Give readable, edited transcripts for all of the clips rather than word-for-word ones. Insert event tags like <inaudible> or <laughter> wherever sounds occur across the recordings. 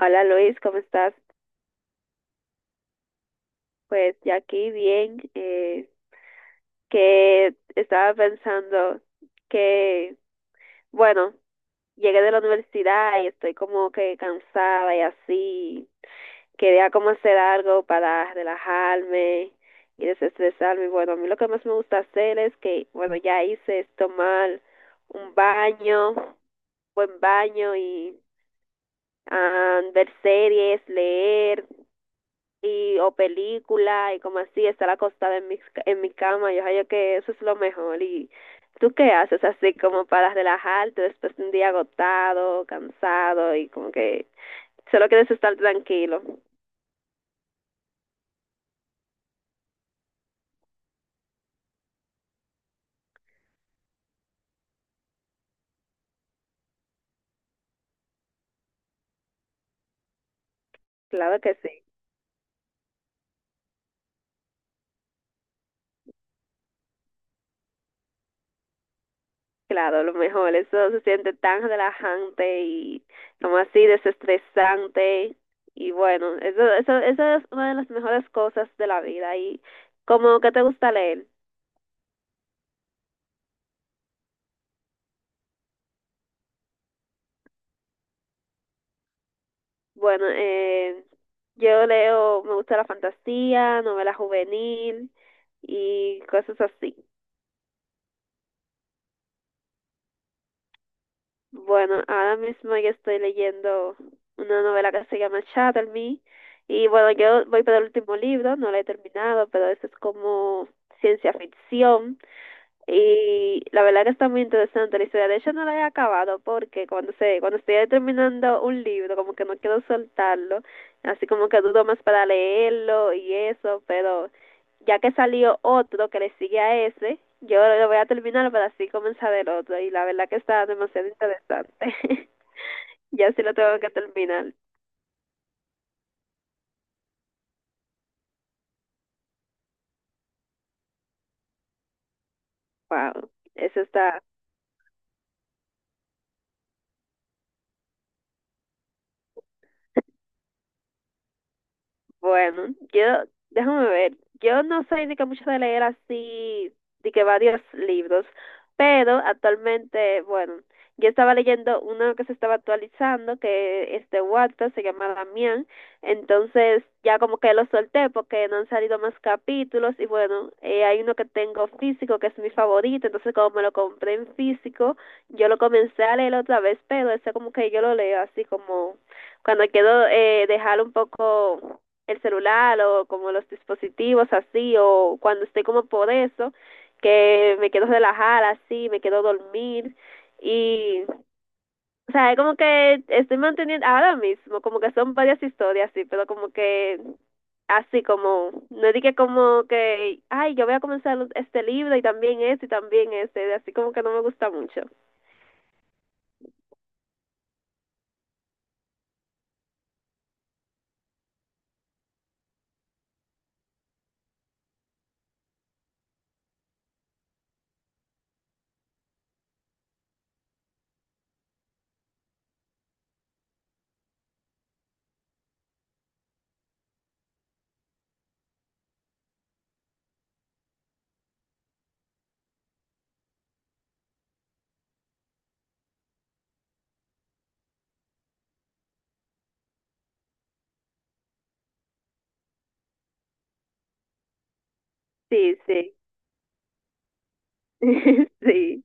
Hola Luis, ¿cómo estás? Pues ya aquí bien, que estaba pensando que, bueno, llegué de la universidad y estoy como que cansada y así, quería como hacer algo para relajarme y desestresarme. Bueno, a mí lo que más me gusta hacer es que, bueno, ya hice es tomar un baño, buen baño y ver series, leer. Y o película y como así, estar acostada en mi cama, yo creo que eso es lo mejor. ¿Y tú qué haces así como para relajarte después de un día agotado, cansado y como que solo quieres estar tranquilo? Claro que sí, claro, lo mejor, eso se siente tan relajante y como así desestresante y bueno, eso es una de las mejores cosas de la vida y como que te gusta leer. Bueno, yo leo, me gusta la fantasía, novela juvenil y cosas así. Bueno, ahora mismo yo estoy leyendo una novela que se llama Shadow Me y bueno, yo voy por el último libro, no lo he terminado, pero eso es como ciencia ficción. Y la verdad que está muy interesante la historia. De hecho, no la he acabado porque cuando estoy terminando un libro, como que no quiero soltarlo, así como que dudo más para leerlo y eso, pero ya que salió otro que le sigue a ese, yo lo voy a terminar para así comenzar el otro. Y la verdad que está demasiado interesante. <laughs> Ya sí lo tengo que terminar. Wow, eso está. Bueno, yo, déjame ver, yo no soy de que mucho de leer así, de que varios libros, pero actualmente, bueno, yo estaba leyendo uno que se estaba actualizando, que es de Wattpad, se llama Damián, entonces ya como que lo solté porque no han salido más capítulos y bueno, hay uno que tengo físico que es mi favorito, entonces como me lo compré en físico, yo lo comencé a leer otra vez, pero ese como que yo lo leo así como cuando quiero dejar un poco el celular o como los dispositivos así o cuando estoy como por eso que me quedo relajada así, me quedo dormir y o sea, es como que estoy manteniendo ahora mismo, como que son varias historias así pero como que así como, no dije como que, ay, yo voy a comenzar este libro y también este, así como que no me gusta mucho. Sí, sí, <laughs> sí.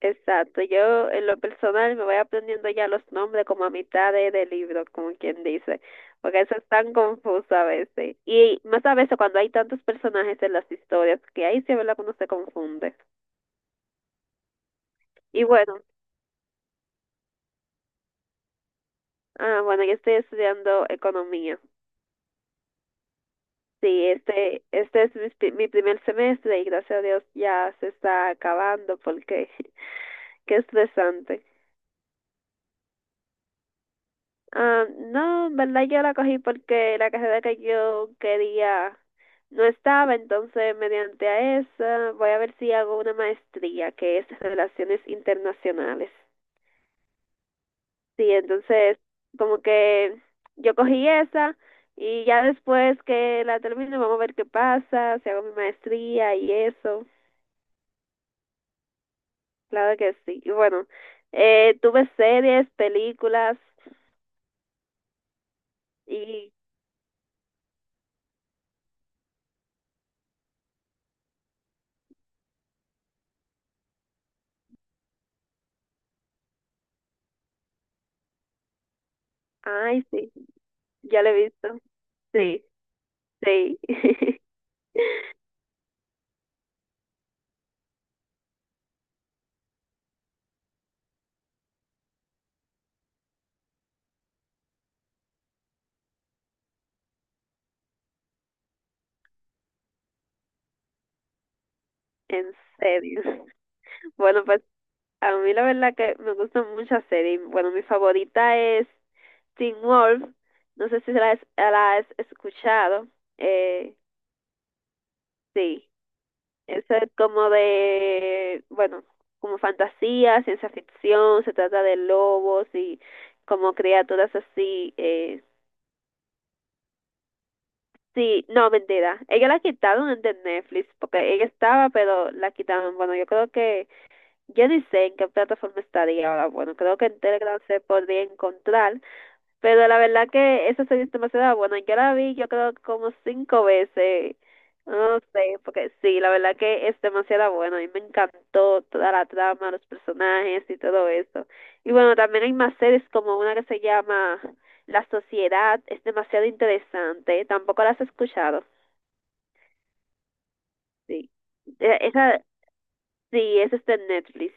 Exacto, yo en lo personal me voy aprendiendo ya los nombres como a mitad de libro, como quien dice, porque eso es tan confuso a veces. Y más a veces cuando hay tantos personajes en las historias, que ahí sí es verdad que uno se confunde. Y bueno, bueno, yo estoy estudiando economía. Sí, este es mi primer semestre y gracias a Dios ya se está acabando porque <laughs> qué estresante. Ah, no, en verdad yo la cogí porque la carrera que yo quería no estaba, entonces mediante a esa voy a ver si hago una maestría que es Relaciones Internacionales. Sí, entonces como que yo cogí esa y ya después que la termine vamos a ver qué pasa, si hago mi maestría y eso. Claro que sí. Y bueno, tuve series, películas y... Ay, sí, ya lo he visto. Sí, sí. <laughs> <laughs> En serio. Bueno, pues a mí la verdad que me gustan muchas series. Bueno, mi favorita es Teen Wolf. No sé si la has escuchado. Eh, sí, eso es como de, bueno, como fantasía, ciencia ficción, se trata de lobos y como criaturas así. Sí, no, mentira. Ella la quitaron de Netflix porque ella estaba, pero la quitaron. Bueno, yo creo que yo ni sé en qué plataforma estaría ahora. Bueno, creo que en Telegram se podría encontrar, pero la verdad que esa serie es demasiado buena. Yo la vi, yo creo, como 5 veces. No sé, porque sí, la verdad que es demasiado bueno. A mí me encantó toda la trama, los personajes y todo eso. Y bueno, también hay más series como una que se llama La Sociedad. Es demasiado interesante. Tampoco la has escuchado. Sí. Esa, sí, esa está en Netflix.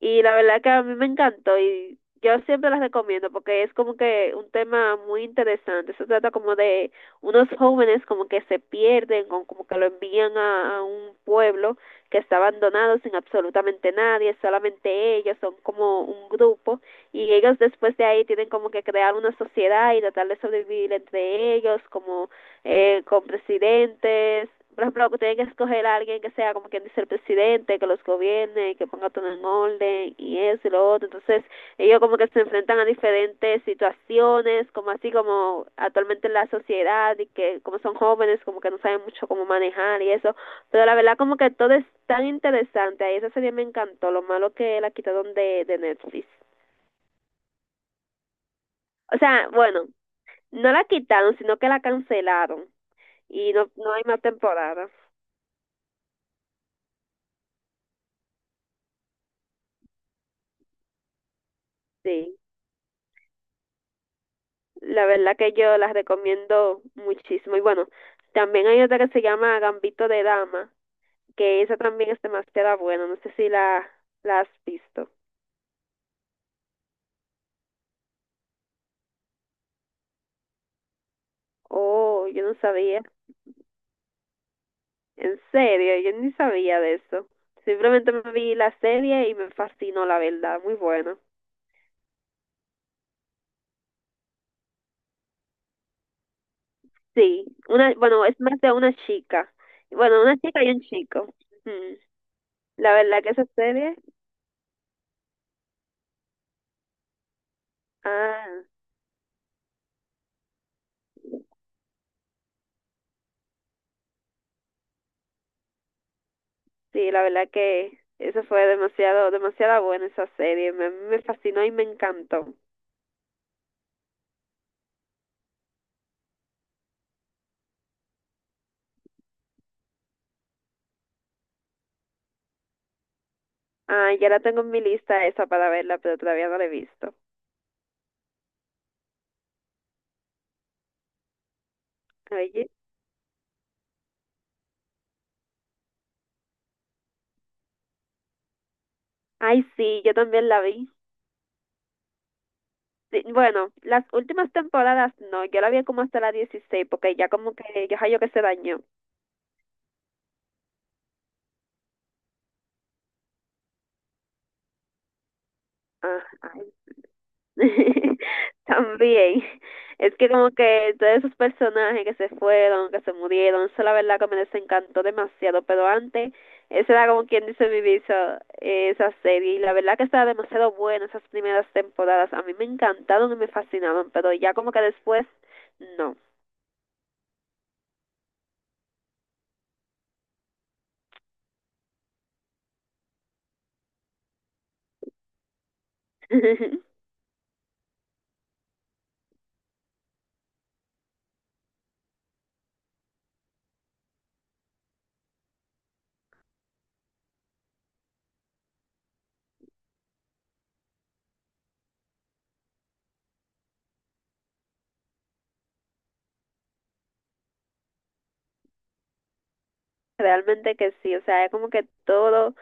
Y la verdad que a mí me encantó y yo siempre las recomiendo porque es como que un tema muy interesante. Se trata como de unos jóvenes como que se pierden, o como que lo envían a un pueblo que está abandonado sin absolutamente nadie, solamente ellos, son como un grupo y ellos después de ahí tienen como que crear una sociedad y tratar de sobrevivir entre ellos, como con presidentes, por ejemplo, que tienen que escoger a alguien que sea como quien dice el presidente, que los gobierne y que ponga todo en orden y eso y lo otro. Entonces, ellos como que se enfrentan a diferentes situaciones, como así como actualmente en la sociedad y que como son jóvenes, como que no saben mucho cómo manejar y eso. Pero la verdad como que todo es tan interesante. Ahí esa serie me encantó. Lo malo que la quitaron de Netflix. O sea, bueno, no la quitaron, sino que la cancelaron y no hay más temporada. Sí, la verdad que yo las recomiendo muchísimo. Y bueno, también hay otra que se llama Gambito de Dama, que esa también es demasiado buena. No sé si la has visto. Oh, yo no sabía. En serio, yo ni sabía de eso. Simplemente me vi la serie y me fascinó, la verdad. Muy buena. Sí, una, bueno, es más de una chica. Bueno, una chica y un chico. Ujú. La verdad que esa serie, ah. Sí, la verdad que eso fue demasiado, demasiada buena esa serie. Me fascinó y me encantó. Ah, ya la tengo en mi lista esa para verla, pero todavía no la he visto. Oye. Ay, sí, yo también la vi. Sí, bueno, las últimas temporadas no, yo la vi como hasta la 16 porque ya como que, ya yo que se dañó. Ajá. <laughs> También, es que como que todos esos personajes que se fueron, que se murieron, eso la verdad que me desencantó demasiado, pero antes, esa era como quien dice mi visa, esa serie, y la verdad que estaba demasiado buena esas primeras temporadas, a mí me encantaron y me fascinaban, pero ya como que después, no. <laughs> Realmente que sí, o sea, es como que todo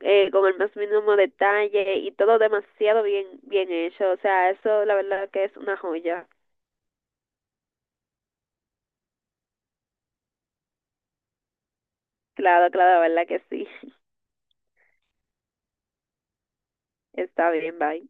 con el más mínimo detalle y todo demasiado bien, bien hecho, o sea, eso la verdad que es una joya. Claro, claro, la verdad que sí. <laughs> Está bien, bye.